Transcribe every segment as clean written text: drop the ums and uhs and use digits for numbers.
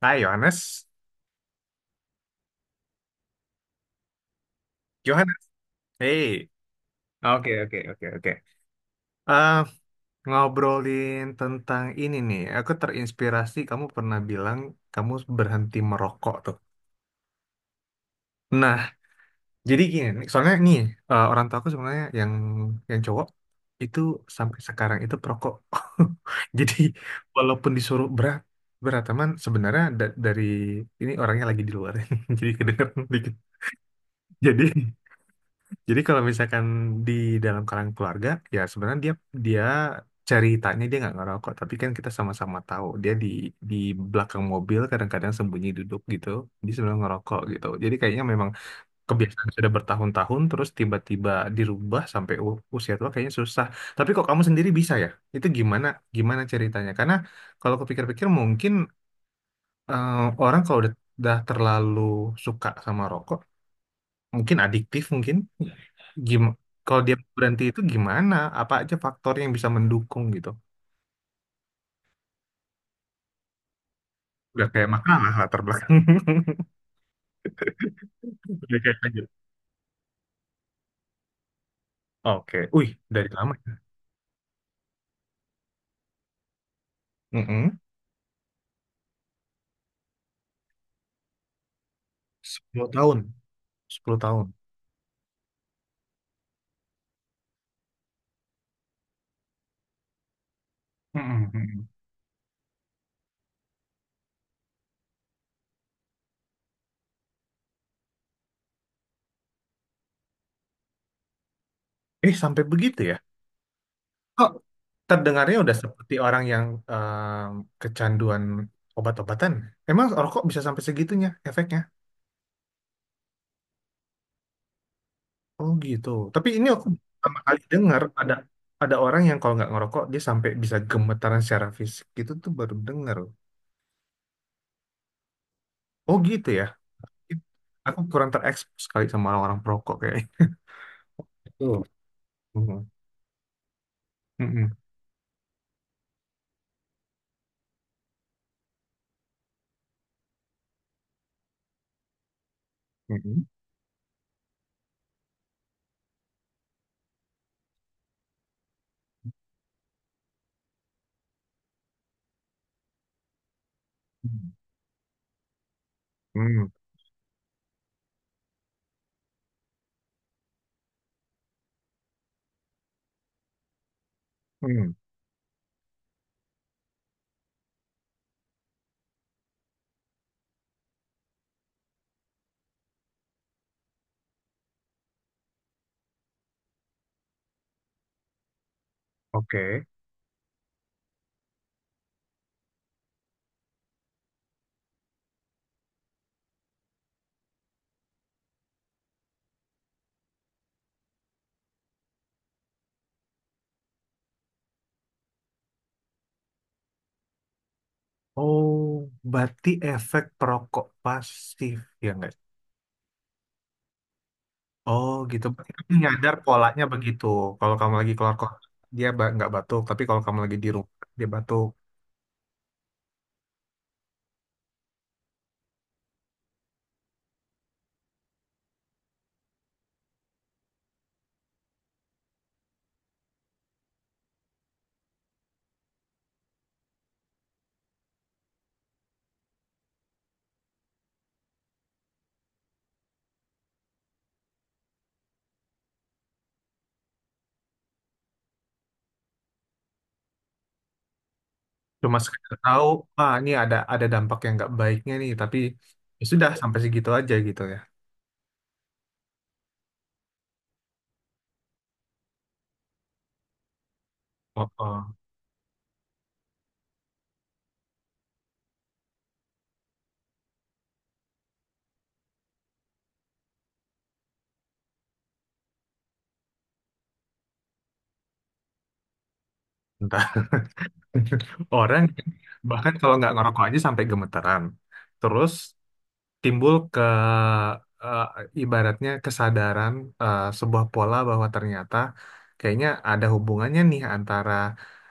Hai Yohanes, Yohanes, hey, oke oke oke oke. Eh, Ngobrolin tentang ini nih, aku terinspirasi kamu pernah bilang kamu berhenti merokok tuh. Nah, jadi gini, nih, soalnya nih, orang tua aku sebenarnya yang cowok itu sampai sekarang itu perokok. Jadi walaupun disuruh berat berat teman sebenarnya dari ini orangnya lagi di luar, jadi kedengeran dikit. Jadi Jadi kalau misalkan di dalam kalangan keluarga, ya sebenarnya dia dia ceritanya dia nggak ngerokok, tapi kan kita sama-sama tahu dia di belakang mobil kadang-kadang sembunyi duduk gitu, dia sebenarnya ngerokok gitu. Jadi kayaknya memang kebiasaan sudah bertahun-tahun terus tiba-tiba dirubah sampai usia tua kayaknya susah. Tapi kok kamu sendiri bisa ya? Itu gimana gimana ceritanya? Karena kalau kepikir-pikir mungkin eh, orang kalau udah terlalu suka sama rokok, mungkin adiktif mungkin Gim kalau dia berhenti itu gimana? Apa aja faktor yang bisa mendukung gitu? Udah kayak makalah latar belakang. Udah kayak lanjut. Oke. Wih, dari lama. Ya? Mm-mm. 10 tahun. 10 tahun. mm mm-mm. Eh, sampai begitu ya? Kok terdengarnya udah seperti orang yang em, kecanduan obat-obatan? Emang rokok bisa sampai segitunya efeknya? Oh gitu. Tapi ini aku pertama kali dengar ada orang yang kalau nggak ngerokok dia sampai bisa gemetaran secara fisik. Itu tuh baru dengar. Oh gitu ya. Aku kurang terekspos sekali sama orang-orang perokok kayaknya. Betul. Mhm. Mhm. Mhm. Mhm. Mhm. Oke. Oh, berarti efek perokok pasif ya nggak? Oh gitu. Berarti kamu nyadar polanya begitu. Kalau kamu lagi keluar kota dia nggak batuk, tapi kalau kamu lagi di rumah dia batuk. Cuma sekedar tahu, ah ini ada dampak yang nggak baiknya nih, tapi ya sudah sampai segitu aja gitu ya. Oh, oh. Orang bahkan kalau nggak ngerokok aja sampai gemeteran. Terus timbul ke eh, ibaratnya kesadaran sebuah pola bahwa ternyata kayaknya ada hubungannya nih antara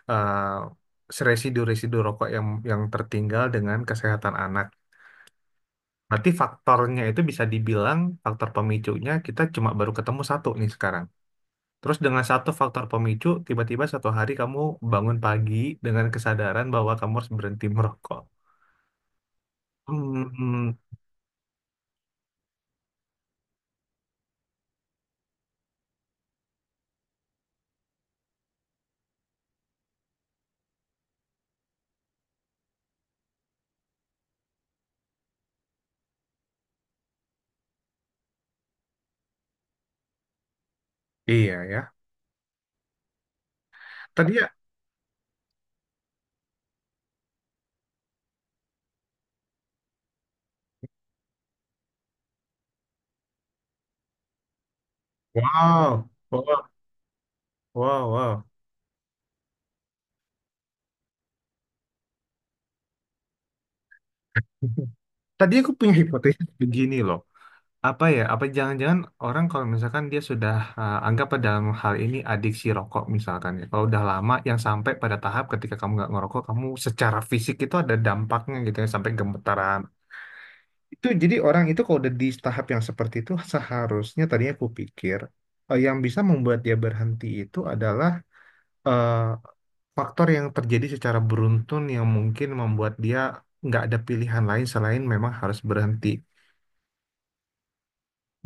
residu-residu rokok yang tertinggal dengan kesehatan anak. Berarti faktornya itu bisa dibilang faktor pemicunya kita cuma baru ketemu satu nih sekarang. Terus dengan satu faktor pemicu, tiba-tiba satu hari kamu bangun pagi dengan kesadaran bahwa kamu harus berhenti merokok. Hmm, iya ya. Tadi ya, wow, wow, wow, wow. Tadi aku punya hipotesis begini loh. Apa ya? Apa jangan-jangan orang kalau misalkan dia sudah anggap pada dalam hal ini adiksi rokok misalkan ya. Kalau udah lama yang sampai pada tahap ketika kamu nggak ngerokok, kamu secara fisik itu ada dampaknya gitu ya sampai gemetaran, itu jadi orang itu kalau udah di tahap yang seperti itu seharusnya tadinya aku pikir yang bisa membuat dia berhenti itu adalah eh, faktor yang terjadi secara beruntun yang mungkin membuat dia nggak ada pilihan lain selain memang harus berhenti.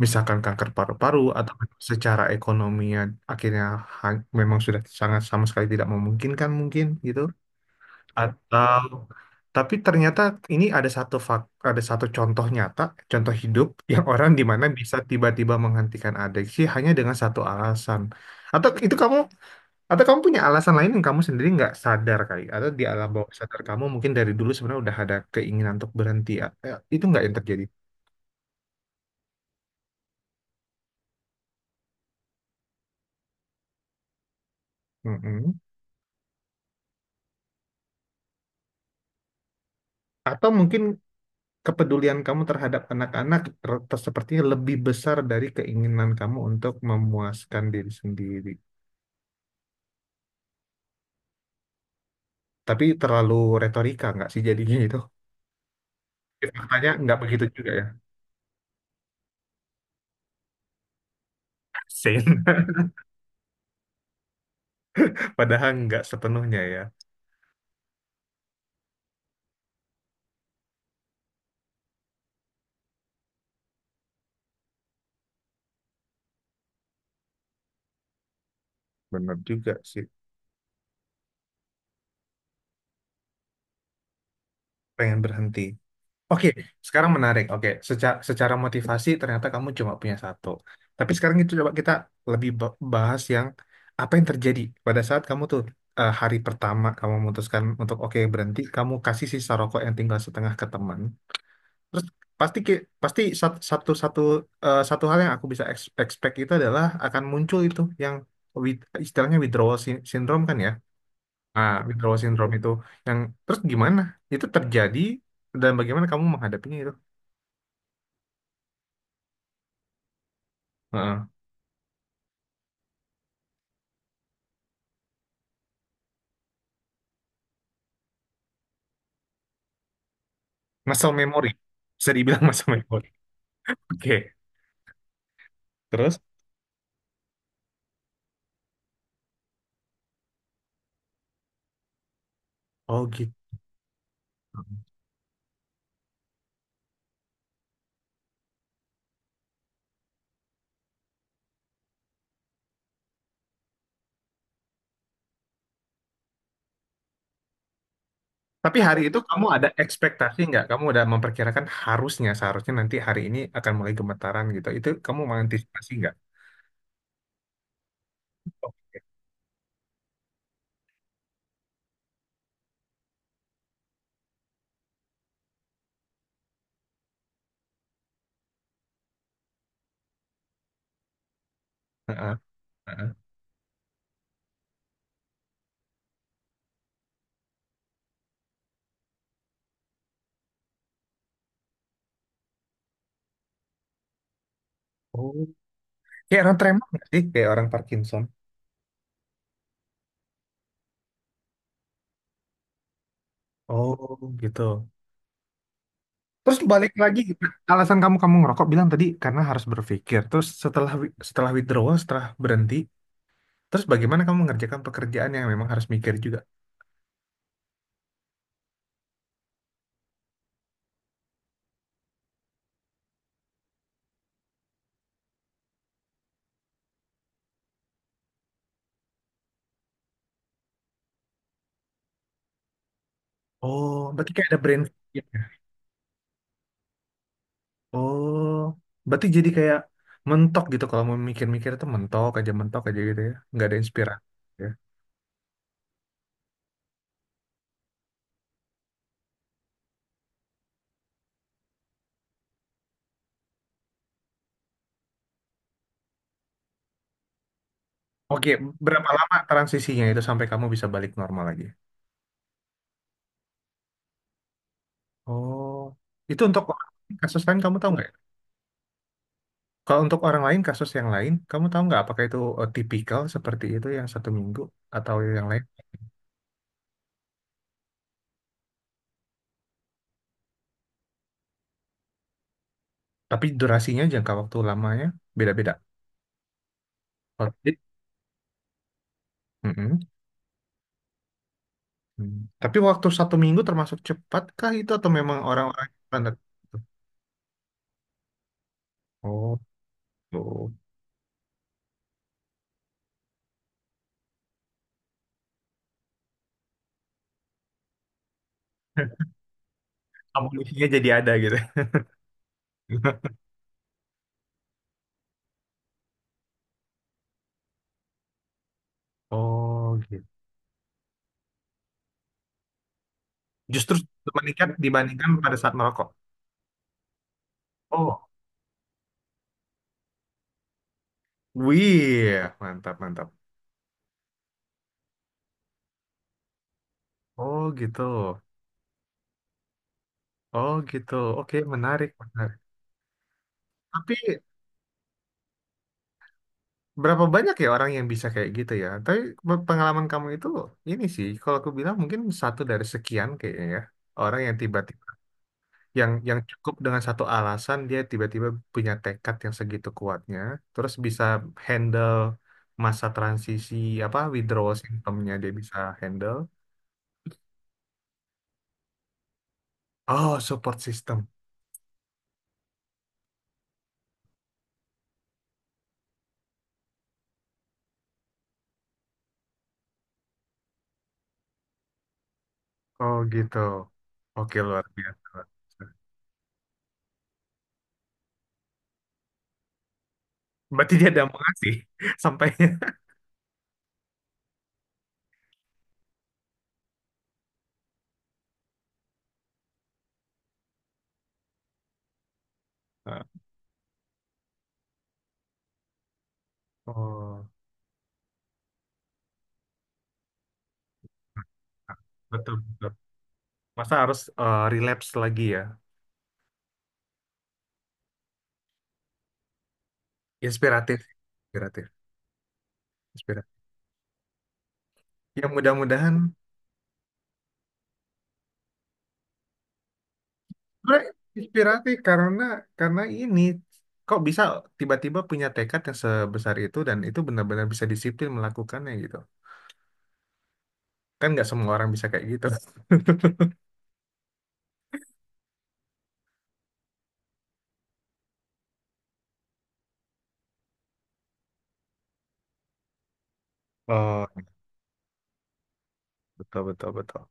Misalkan kanker paru-paru atau secara ekonominya akhirnya memang sudah sangat sama sekali tidak memungkinkan mungkin gitu. Atau tapi ternyata ini ada satu ada satu contoh nyata, contoh hidup yang orang di mana bisa tiba-tiba menghentikan adiksi hanya dengan satu alasan. Atau itu kamu atau kamu punya alasan lain yang kamu sendiri nggak sadar kali atau di alam bawah sadar kamu mungkin dari dulu sebenarnya udah ada keinginan untuk berhenti. Ya, itu nggak yang terjadi. Mm-mm. Atau mungkin kepedulian kamu terhadap anak-anak sepertinya lebih besar dari keinginan kamu untuk memuaskan diri sendiri. Tapi terlalu retorika nggak sih jadinya itu? Faktanya nggak begitu juga ya. Sin. Padahal nggak sepenuhnya ya. Bener juga sih. Pengen berhenti. Oke, sekarang menarik. Oke, secara, secara motivasi ternyata kamu cuma punya satu. Tapi sekarang itu coba kita lebih bahas yang apa yang terjadi pada saat kamu tuh hari pertama kamu memutuskan untuk oke berhenti, kamu kasih sisa rokok yang tinggal setengah ke teman. Terus pasti pasti satu satu eh, satu hal yang aku bisa expect itu adalah akan muncul itu yang istilahnya withdrawal syndrome kan ya. Nah, withdrawal syndrome itu yang terus gimana? Itu terjadi dan bagaimana kamu menghadapinya itu? Heeh. Muscle memory. Bisa dibilang muscle memory. Oke. Terus? Oh gitu. Tapi hari itu kamu ada ekspektasi nggak? Kamu udah memperkirakan harusnya seharusnya nanti hari ini akan mulai gemetaran gitu. Itu kamu mengantisipasi nggak? Heeh. Heeh. Kayak orang tremor nggak sih? Kayak orang Parkinson. Oh, gitu. Terus balik lagi, alasan kamu kamu ngerokok bilang tadi karena harus berpikir. Terus setelah setelah withdrawal, setelah berhenti, terus bagaimana kamu mengerjakan pekerjaan yang memang harus mikir juga? Oh, berarti kayak ada brain fog ya? Oh, berarti jadi kayak mentok gitu kalau mau mikir-mikir itu mentok aja gitu ya, nggak ada inspirasi. Ya. Oke, berapa lama transisinya itu sampai kamu bisa balik normal lagi? Oh, itu untuk kasus lain kamu tahu nggak? Ya? Kalau untuk orang lain, kasus yang lain, kamu tahu nggak apakah itu tipikal seperti itu yang satu minggu atau yang lain? Tapi durasinya, jangka waktu lamanya beda-beda. Oh, jadi- Mm-mm. Hmm. Tapi waktu satu minggu termasuk cepat kah itu atau memang orang-orang yang standar? Oh, tuh. Amunisinya jadi ada gitu. Oh, gitu. Justru meningkat dibandingkan pada saat merokok. Oh, wih, mantap, mantap. Oh, gitu. Oh, gitu. Oke, menarik, menarik. Tapi berapa banyak ya orang yang bisa kayak gitu ya? Tapi pengalaman kamu itu ini sih, kalau aku bilang mungkin satu dari sekian kayaknya ya. Orang yang tiba-tiba yang cukup dengan satu alasan dia tiba-tiba punya tekad yang segitu kuatnya, terus bisa handle masa transisi apa withdrawal symptomnya dia bisa handle. Oh, support system. Oh gitu. Oke, luar biasa. Berarti dia ada mengasihi sampainya. Oh, betul betul. Masa harus relapse lagi ya? Inspiratif, inspiratif, inspiratif. Ya mudah-mudahan sebenarnya inspiratif karena ini kok bisa tiba-tiba punya tekad yang sebesar itu dan itu benar-benar bisa disiplin melakukannya gitu. Kan nggak semua orang bisa kayak gitu. Oh, betul betul betul.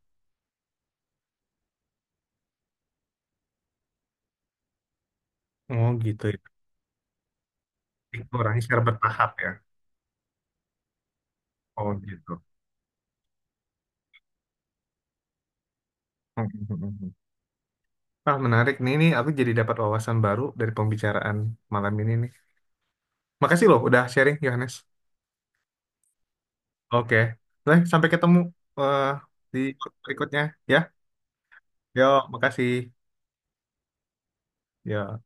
Oh gitu ya. Itu orangnya secara bertahap ya. Oh gitu. Ah, menarik nih, ini aku jadi dapat wawasan baru dari pembicaraan malam ini nih. Makasih loh udah sharing, Yohanes. Oke. Nah, sampai ketemu eh, di berikutnya ya. Yo, makasih. Yo.